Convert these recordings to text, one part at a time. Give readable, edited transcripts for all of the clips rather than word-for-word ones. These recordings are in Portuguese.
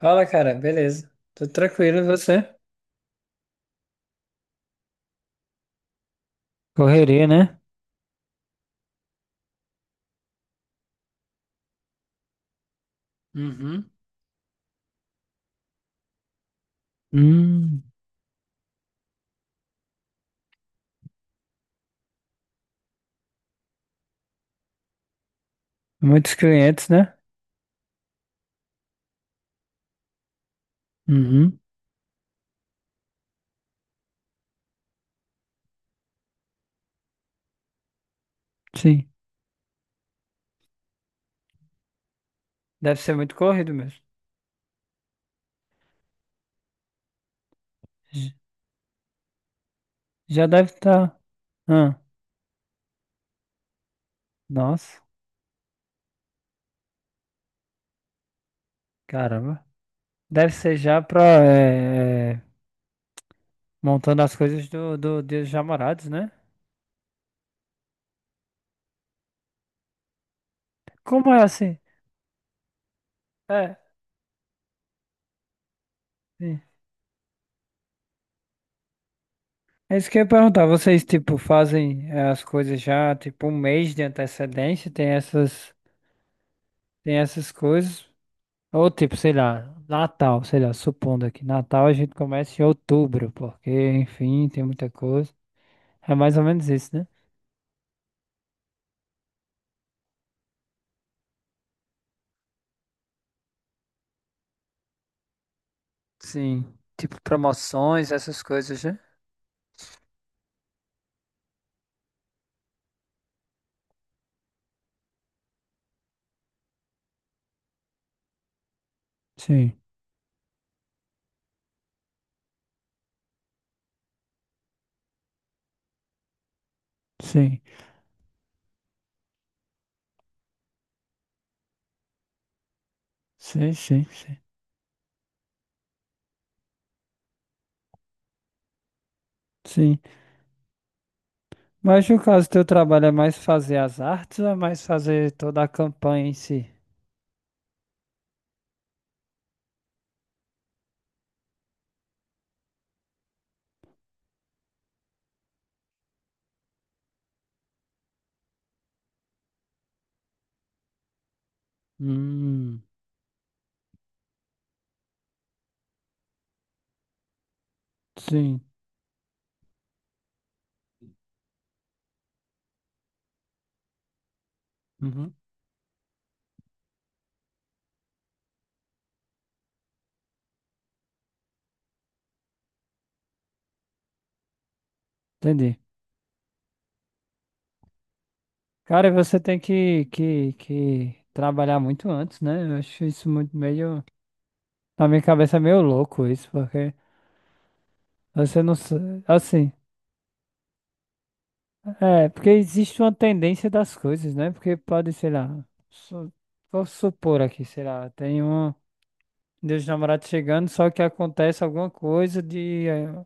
Fala, cara, beleza. Tudo tranquilo, e você? Correria, né? Uhum. Hum, muitos clientes, né? Uhum, sim. Deve ser muito corrido mesmo. J- Já deve estar. Ah, nossa, caramba. Deve ser já pra. É, é, montando as coisas do Dia dos Namorados, né? Como é assim? É, sim. É isso que eu ia perguntar. Vocês, tipo, fazem as coisas já, tipo, um mês de antecedência? Tem essas coisas? Ou tipo, sei lá, Natal, sei lá, supondo aqui, Natal a gente começa em outubro, porque, enfim, tem muita coisa. É mais ou menos isso, né? Sim, tipo promoções, essas coisas, né? Sim, sim, sim, sim, sim. Sim. Mas no caso, teu trabalho é mais fazer as artes ou é mais fazer toda a campanha em si? Hum, sim, Uhum. Entendi. Cara, e você tem que trabalhar muito antes, né? Eu acho isso muito meio. Na minha cabeça é meio louco isso, porque você não. Assim, porque existe uma tendência das coisas, né? Porque pode, sei lá, su- vou supor aqui, sei lá, tem um Dia dos Namorados chegando, só que acontece alguma coisa de, eh,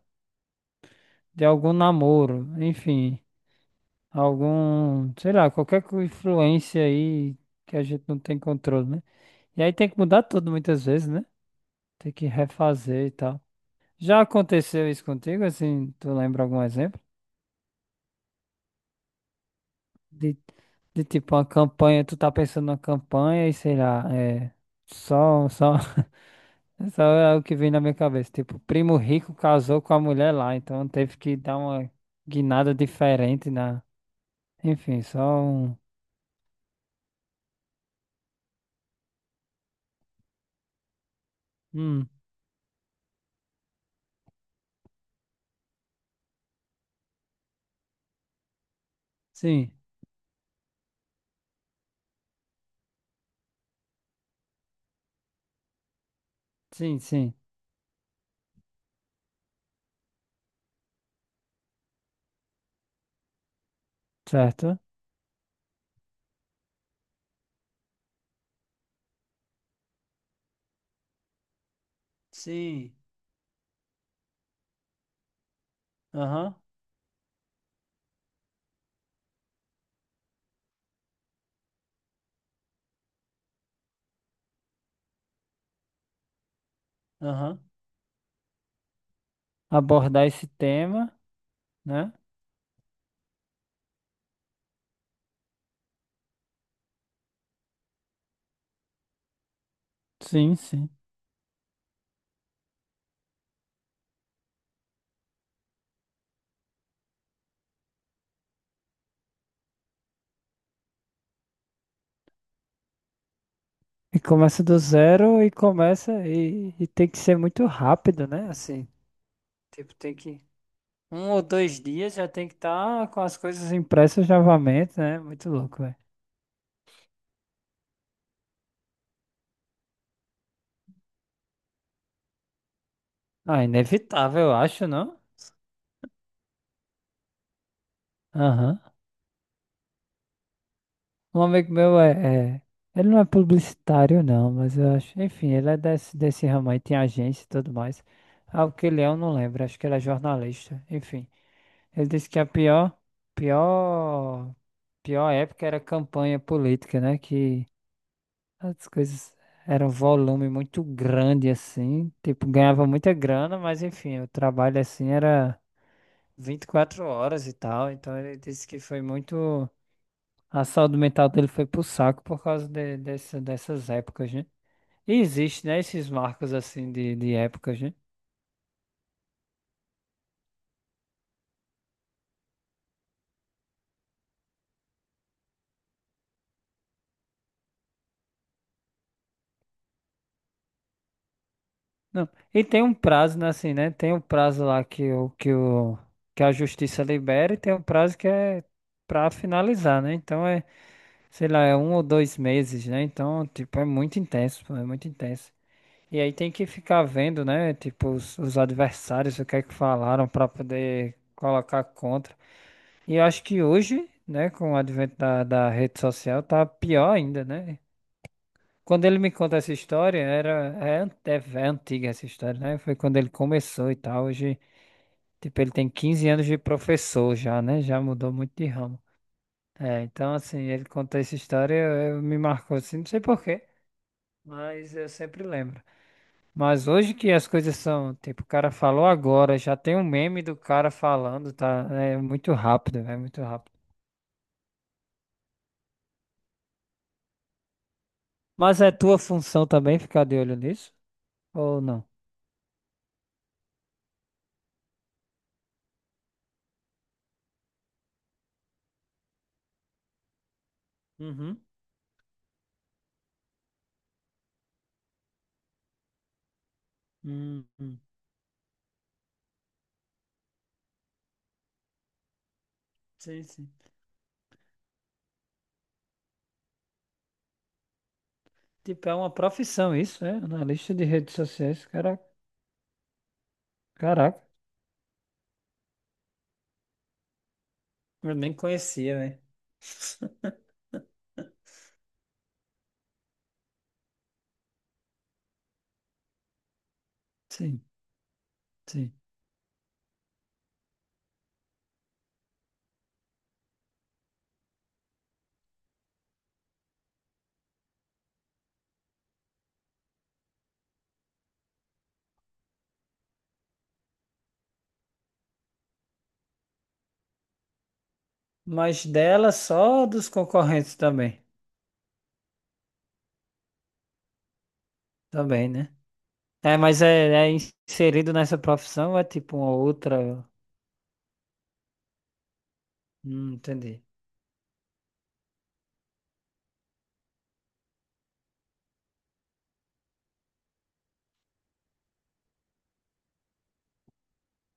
de algum namoro, enfim, algum, sei lá, qualquer influência aí que a gente não tem controle, né? E aí tem que mudar tudo muitas vezes, né? Tem que refazer e tal. Já aconteceu isso contigo, assim, tu lembra algum exemplo? De, de tipo uma campanha, tu tá pensando numa campanha e sei lá, é. Só, só, só é o que vem na minha cabeça. Tipo, Primo Rico casou com a mulher lá, então teve que dar uma guinada diferente na. Enfim, só um. Hum, sim, sim, sim. Certo? Sim. Aham, aham. Abordar esse tema, né? Sim, sim. E começa do zero e começa e tem que ser muito rápido, né? Assim, tipo, tem que. Um ou dois dias já tem que estar com as coisas impressas novamente, né? Muito louco, velho. Ah, inevitável, eu acho, não? Aham. Um amigo meu ele não é publicitário, não, mas eu acho. Enfim, ele é desse ramo aí, tem agência e tudo mais. Ah, o que ele é, eu não lembro. Acho que ele é jornalista. Enfim. Ele disse que a pior, pior, pior época era campanha política, né? Que as coisas eram um volume muito grande assim, tipo, ganhava muita grana, mas enfim, o trabalho assim era 24 horas e tal, então ele disse que foi muito, a saúde mental dele foi pro saco por causa dessas épocas, né? E existe, né, esses marcos assim de épocas, né? Não. E tem um prazo, né, assim, né? Tem um prazo lá que a justiça libera e tem um prazo que é pra finalizar, né? Então sei lá, é um ou dois meses, né? Então, tipo, é muito intenso, pô, é muito intenso. E aí tem que ficar vendo, né? Tipo, os adversários, o que é que falaram pra poder colocar contra. E eu acho que hoje, né, com o advento da rede social, tá pior ainda, né? Quando ele me conta essa história, era, é, an- é ve- é antiga essa história, né? Foi quando ele começou e tal. Hoje, tipo, ele tem 15 anos de professor já, né? Já mudou muito de ramo. É, então assim, ele contou essa história, me marcou assim, não sei porquê. Mas eu sempre lembro. Mas hoje que as coisas são, tipo, o cara falou agora, já tem um meme do cara falando, tá? É muito rápido, é muito rápido. Mas é tua função também ficar de olho nisso? Ou não? Uhum. Hum, hum. Sim, sim. Tipo, é uma profissão isso, né? Analista de redes sociais, cara, caraca. Eu nem conhecia, né? Sim, sim. Mas dela só dos concorrentes também. Também, né? É, mas é inserido nessa profissão ou é tipo uma outra? Entendi.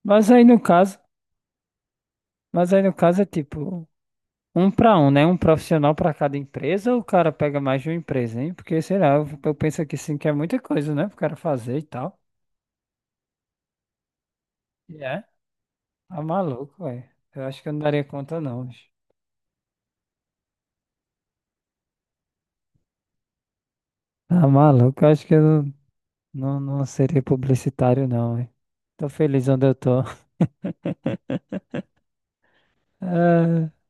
Mas aí no caso, mas aí no caso é tipo um para um, né? Um profissional para cada empresa ou o cara pega mais de uma empresa, hein? Porque sei lá, eu penso aqui sim que é muita coisa, né? Pro cara fazer e tal. E é? Tá maluco, velho. Eu acho que eu não daria conta, não. Bicho. Tá maluco, eu acho que eu não, não, não seria publicitário, não, velho. Tô feliz onde eu tô.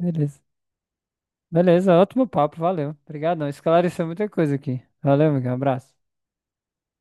Ah, beleza. Beleza, ótimo papo, valeu. Obrigadão, esclareceu muita coisa aqui. Valeu, amigo, um abraço.